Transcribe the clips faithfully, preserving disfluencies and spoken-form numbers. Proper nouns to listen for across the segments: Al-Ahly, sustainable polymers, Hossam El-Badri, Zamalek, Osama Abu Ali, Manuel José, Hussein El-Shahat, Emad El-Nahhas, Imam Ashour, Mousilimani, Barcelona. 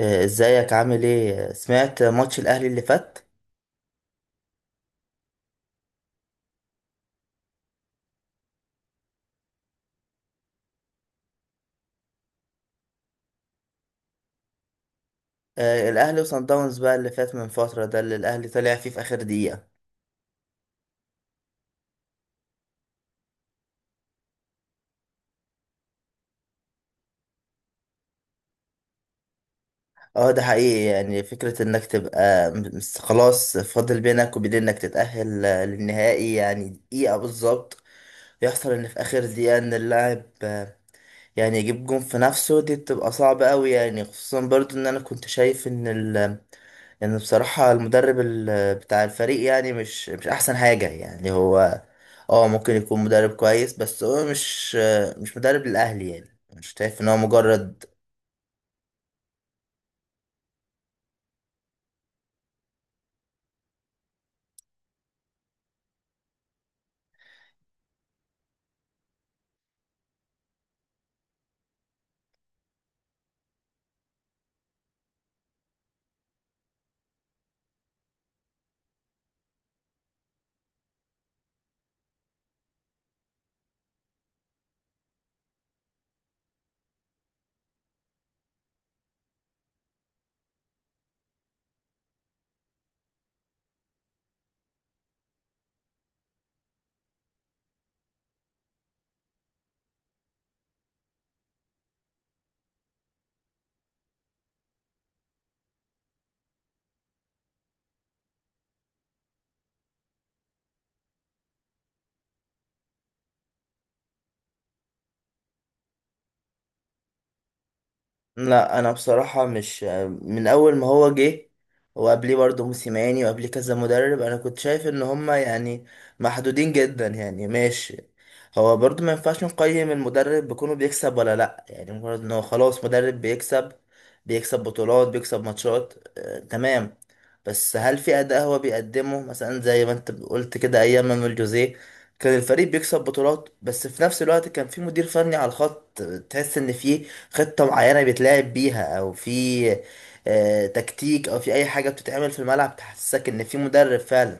آه، ازيك، عامل ايه؟ سمعت ماتش الاهلي اللي فات؟ آه، الاهلي وصن داونز، بقى اللي فات من فتره، ده اللي الاهلي طلع فيه في اخر دقيقه. اه، ده حقيقي، يعني فكره انك تبقى م- مس- خلاص، فاضل بينك وبين انك تتاهل آه، للنهائي، يعني دقيقه بالظبط. يحصل ان في اخر دقيقه ان اللاعب آه، يعني يجيب جون في نفسه، دي بتبقى صعبه قوي، يعني خصوصا برضو ان انا كنت شايف ان ال. يعني بصراحة، المدرب ال- بتاع الفريق يعني مش مش أحسن حاجة، يعني هو. اه، ممكن يكون مدرب كويس بس هو مش. مش مدرب للأهلي، يعني مش شايف إن هو مجرد. لا انا بصراحه مش، من اول ما هو جه، وقبليه برضه موسيماني، وقبليه كذا مدرب انا كنت شايف ان هما يعني محدودين جدا، يعني ماشي. هو برضه ما ينفعش نقيم المدرب بكونه بيكسب ولا لا، يعني مجرد ان هو خلاص مدرب بيكسب. بيكسب بطولات، بيكسب ماتشات، آه تمام. بس هل في اداء هو بيقدمه؟ مثلا زي ما انت قلت كده ايام مانويل جوزيه، كان الفريق بيكسب بطولات، بس في نفس الوقت كان في مدير فني على الخط، تحس ان فيه خطة معينة بيتلعب بيها، او في آه، تكتيك، او في اي حاجة بتتعمل في الملعب تحسسك ان في مدرب فعلا.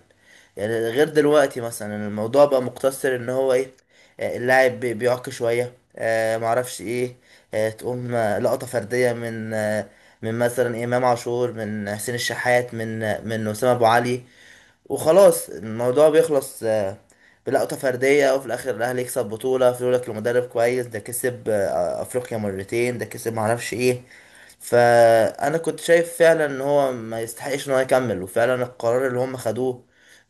يعني غير دلوقتي مثلا، الموضوع بقى مقتصر ان هو ايه، آه، اللاعب بي- بيعك شوية، آه، معرفش ايه، آه، تقوم آه، لقطة فردية من آه، من مثلا امام عاشور، من حسين الشحات، من آه، من اسامة ابو علي، وخلاص الموضوع بيخلص آه، بلقطة فردية، وفي الآخر الأهلي يكسب بطولة، في لك لمدرب كويس ده كسب آه، أفريقيا مرتين، ده كسب معرفش إيه. فأنا كنت شايف فعلا إن هو ما يستحقش إن هو يكمل، وفعلا القرار اللي هم خدوه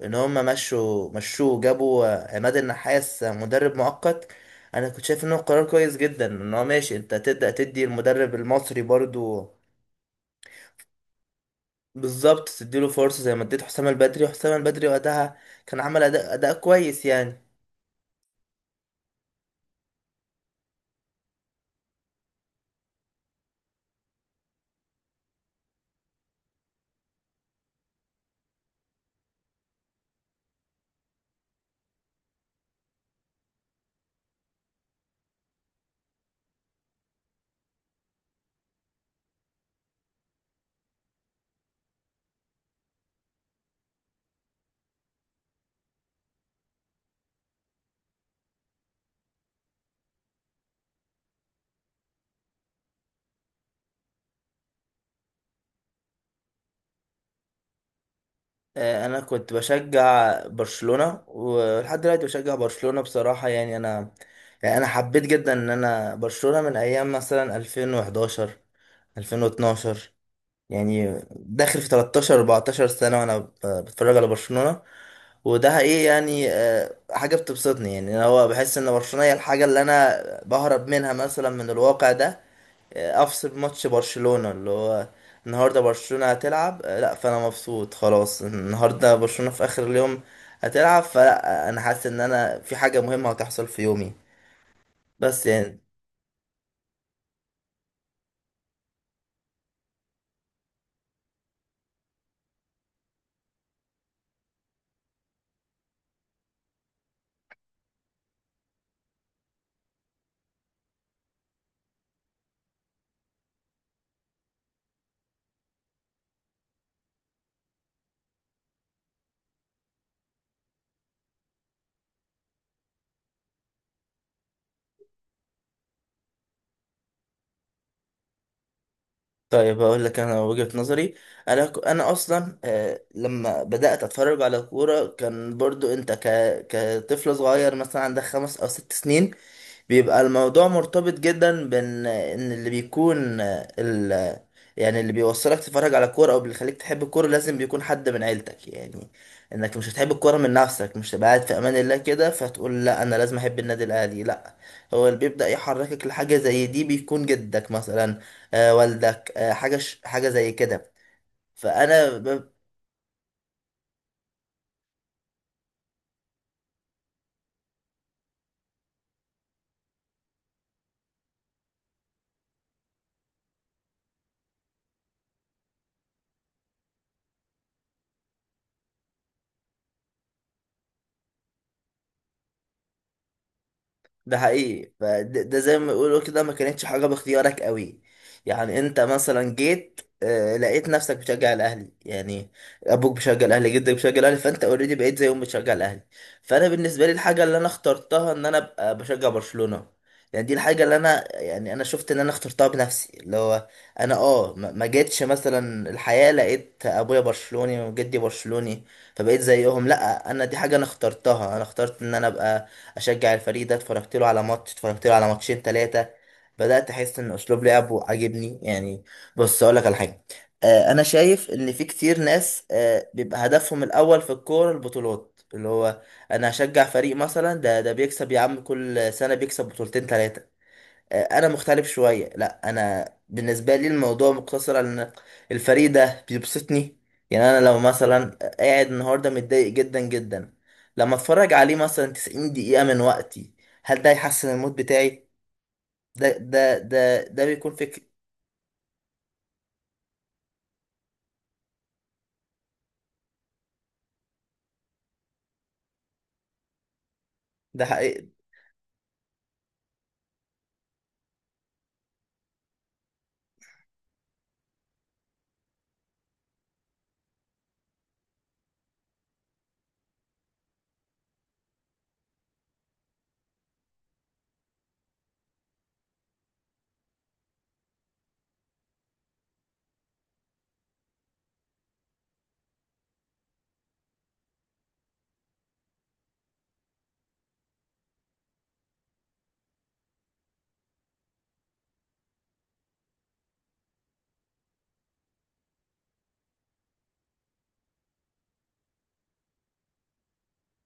إن هم مشوا مشوه، جابوا آه، عماد النحاس، آه، مدرب مؤقت. أنا كنت شايف إن هو قرار كويس جدا، إن هو ماشي، أنت تبدأ تدي المدرب المصري برضو. بالظبط، تديله فرصة زي ما اديت حسام البدري، وحسام البدري وقتها كان عمل أداء أداء كويس يعني. آه، أنا كنت بشجع برشلونة، ولحد دلوقتي بشجع برشلونة بصراحة، يعني أنا. يعني أنا حبيت جدا إن أنا برشلونة من أيام مثلا ألفين وحداشر، ألفين واتناشر، يعني داخل في تلتاشر، أربعة عشر سنة وأنا ب- بتفرج على برشلونة. وده إيه يعني، آه، حاجة بتبسطني، يعني أنا هو بحس إن برشلونة هي الحاجة اللي أنا بهرب منها مثلا من الواقع ده. افصل ماتش برشلونة اللي هو، النهارده برشلونة هتلعب آه، لا فانا مبسوط خلاص، النهارده برشلونة في اخر اليوم هتلعب، فلا انا حاسس ان انا في حاجة مهمة هتحصل في يومي، بس يعني. طيب هقول لك انا وجهة نظري، انا ك- انا اصلا آه، لما بدأت اتفرج على كورة كان برضو انت ك... كطفل صغير مثلا عندك خمس او ست سنين، بيبقى الموضوع مرتبط جدا بان ان اللي بيكون ال يعني اللي بيوصلك تتفرج على كورة او بيخليك تحب الكورة، لازم بيكون حد من عيلتك، يعني انك مش هتحب الكورة من نفسك، مش تبقى قاعد في امان الله كده فتقول لا، انا لازم احب النادي الاهلي، لا. هو اللي بيبدأ يحركك لحاجة زي دي، بيكون جدك مثلا، آه والدك، آه حاجة ش- حاجة زي كده. فانا ب- ده حقيقي، فده ده زي ما بيقولوا كده ما كانتش حاجة باختيارك قوي، يعني انت مثلا جيت آه، لقيت نفسك بتشجع الاهلي يعني. ابوك بيشجع الاهلي، جدك بيشجع الاهلي، فانت اوريدي بقيت زيهم بتشجع الاهلي. فانا بالنسبه لي، الحاجه اللي انا اخترتها ان انا ابقى بشجع برشلونه، يعني دي الحاجه اللي انا يعني انا شفت ان انا اخترتها بنفسي، اللي هو انا اه ما ما جيتش مثلا الحياه لقيت ابويا برشلوني وجدي برشلوني فبقيت زيهم. لا انا دي حاجه انا اخترتها، انا اخترت ان انا ابقى اشجع الفريق ده، اتفرجت له على ماتش، اتفرجت له على ماتشين ثلاثه، بدات احس ان اسلوب لعبه عاجبني يعني. بص اقول لك على حاجه، آه، انا شايف ان في كتير ناس آه، بيبقى هدفهم الاول في الكوره البطولات، اللي هو انا هشجع فريق مثلا، ده ده بيكسب يا عم كل سنه بيكسب بطولتين ثلاثه. انا مختلف شويه، لا انا بالنسبه لي الموضوع مقتصر على ان الفريق ده بيبسطني، يعني انا لو مثلا قاعد النهارده متضايق جدا جدا، لما اتفرج عليه مثلا 90 دقيقه من وقتي، هل ده يحسن المود بتاعي؟ ده ده ده ده بيكون فكر. ده حقيقي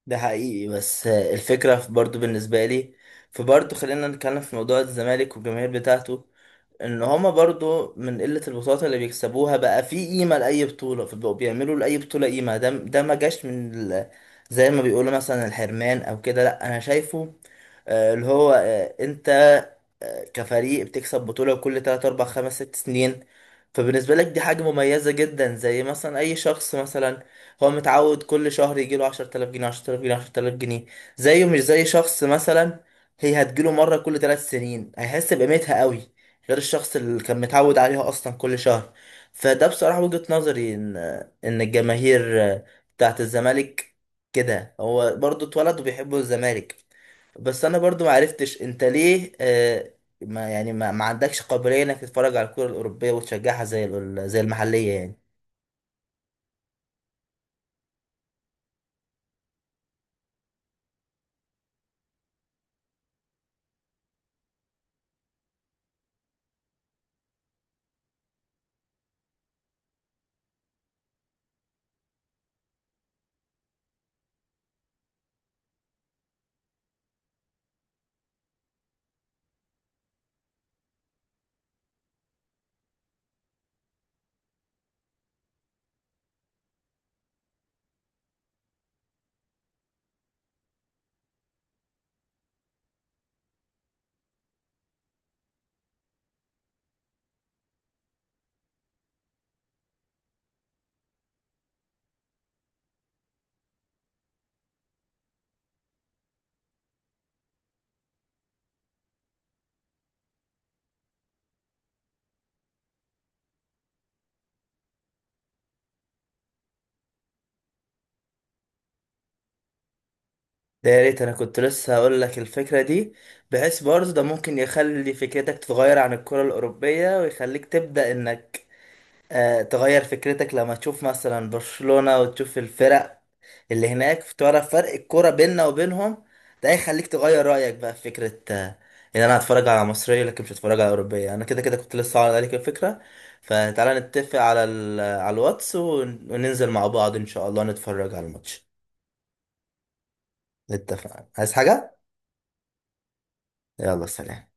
ده حقيقي بس الفكره برضو بالنسبه لي، فبرضو خلينا نتكلم في موضوع الزمالك والجماهير بتاعته، ان هما برضو من قلة البطولات اللي بيكسبوها بقى في قيمة لأي بطولة، فبقوا بيعملوا لأي بطولة قيمة، ده ده ما جاش من ال... زي ما بيقولوا مثلا الحرمان او كده، لا انا شايفه آه، اللي هو آه، انت آه، كفريق بتكسب بطولة كل ثلاث، أربعة، خمسة، ست سنين، فبالنسبة لك دي حاجة مميزة جدا، زي مثلا أي شخص مثلا هو متعود كل شهر يجيله عشرة آلاف جنيه، عشرة آلاف جنيه، عشرة آلاف جنيه، زيه مش زي شخص مثلا هي هتجيله مرة كل 3 سنين، هيحس بقيمتها قوي غير الشخص اللي كان متعود عليها أصلا كل شهر. فده بصراحة وجهة نظري إن إن الجماهير آه، بتاعت الزمالك، كده هو برضو اتولد وبيحبوا الزمالك. بس انا برضو ما عرفتش انت ليه، آه ما يعني، ما, ما عندكش قابليه انك تتفرج على الكره الاوروبيه وتشجعها، زي ال- زي المحليه يعني. ده يا ريت، انا كنت لسه هقول لك الفكره دي، بحيث برضو ده ممكن يخلي فكرتك تتغير عن الكره الاوروبيه، ويخليك تبدا انك آه، تغير فكرتك، لما تشوف مثلا برشلونة، وتشوف الفرق اللي هناك، تعرف فرق الكرة بيننا وبينهم، ده هيخليك تغير رأيك بقى في فكرة آه، ان انا هتفرج على مصرية لكن مش هتفرج على أوروبية، انا كده كده كنت لسه عارض عليك الفكرة. فتعالى نتفق على ال... على الواتس، ون- وننزل مع بعض ان شاء الله نتفرج على الماتش. اتفقنا؟ عايز حاجة؟ يلا سلام.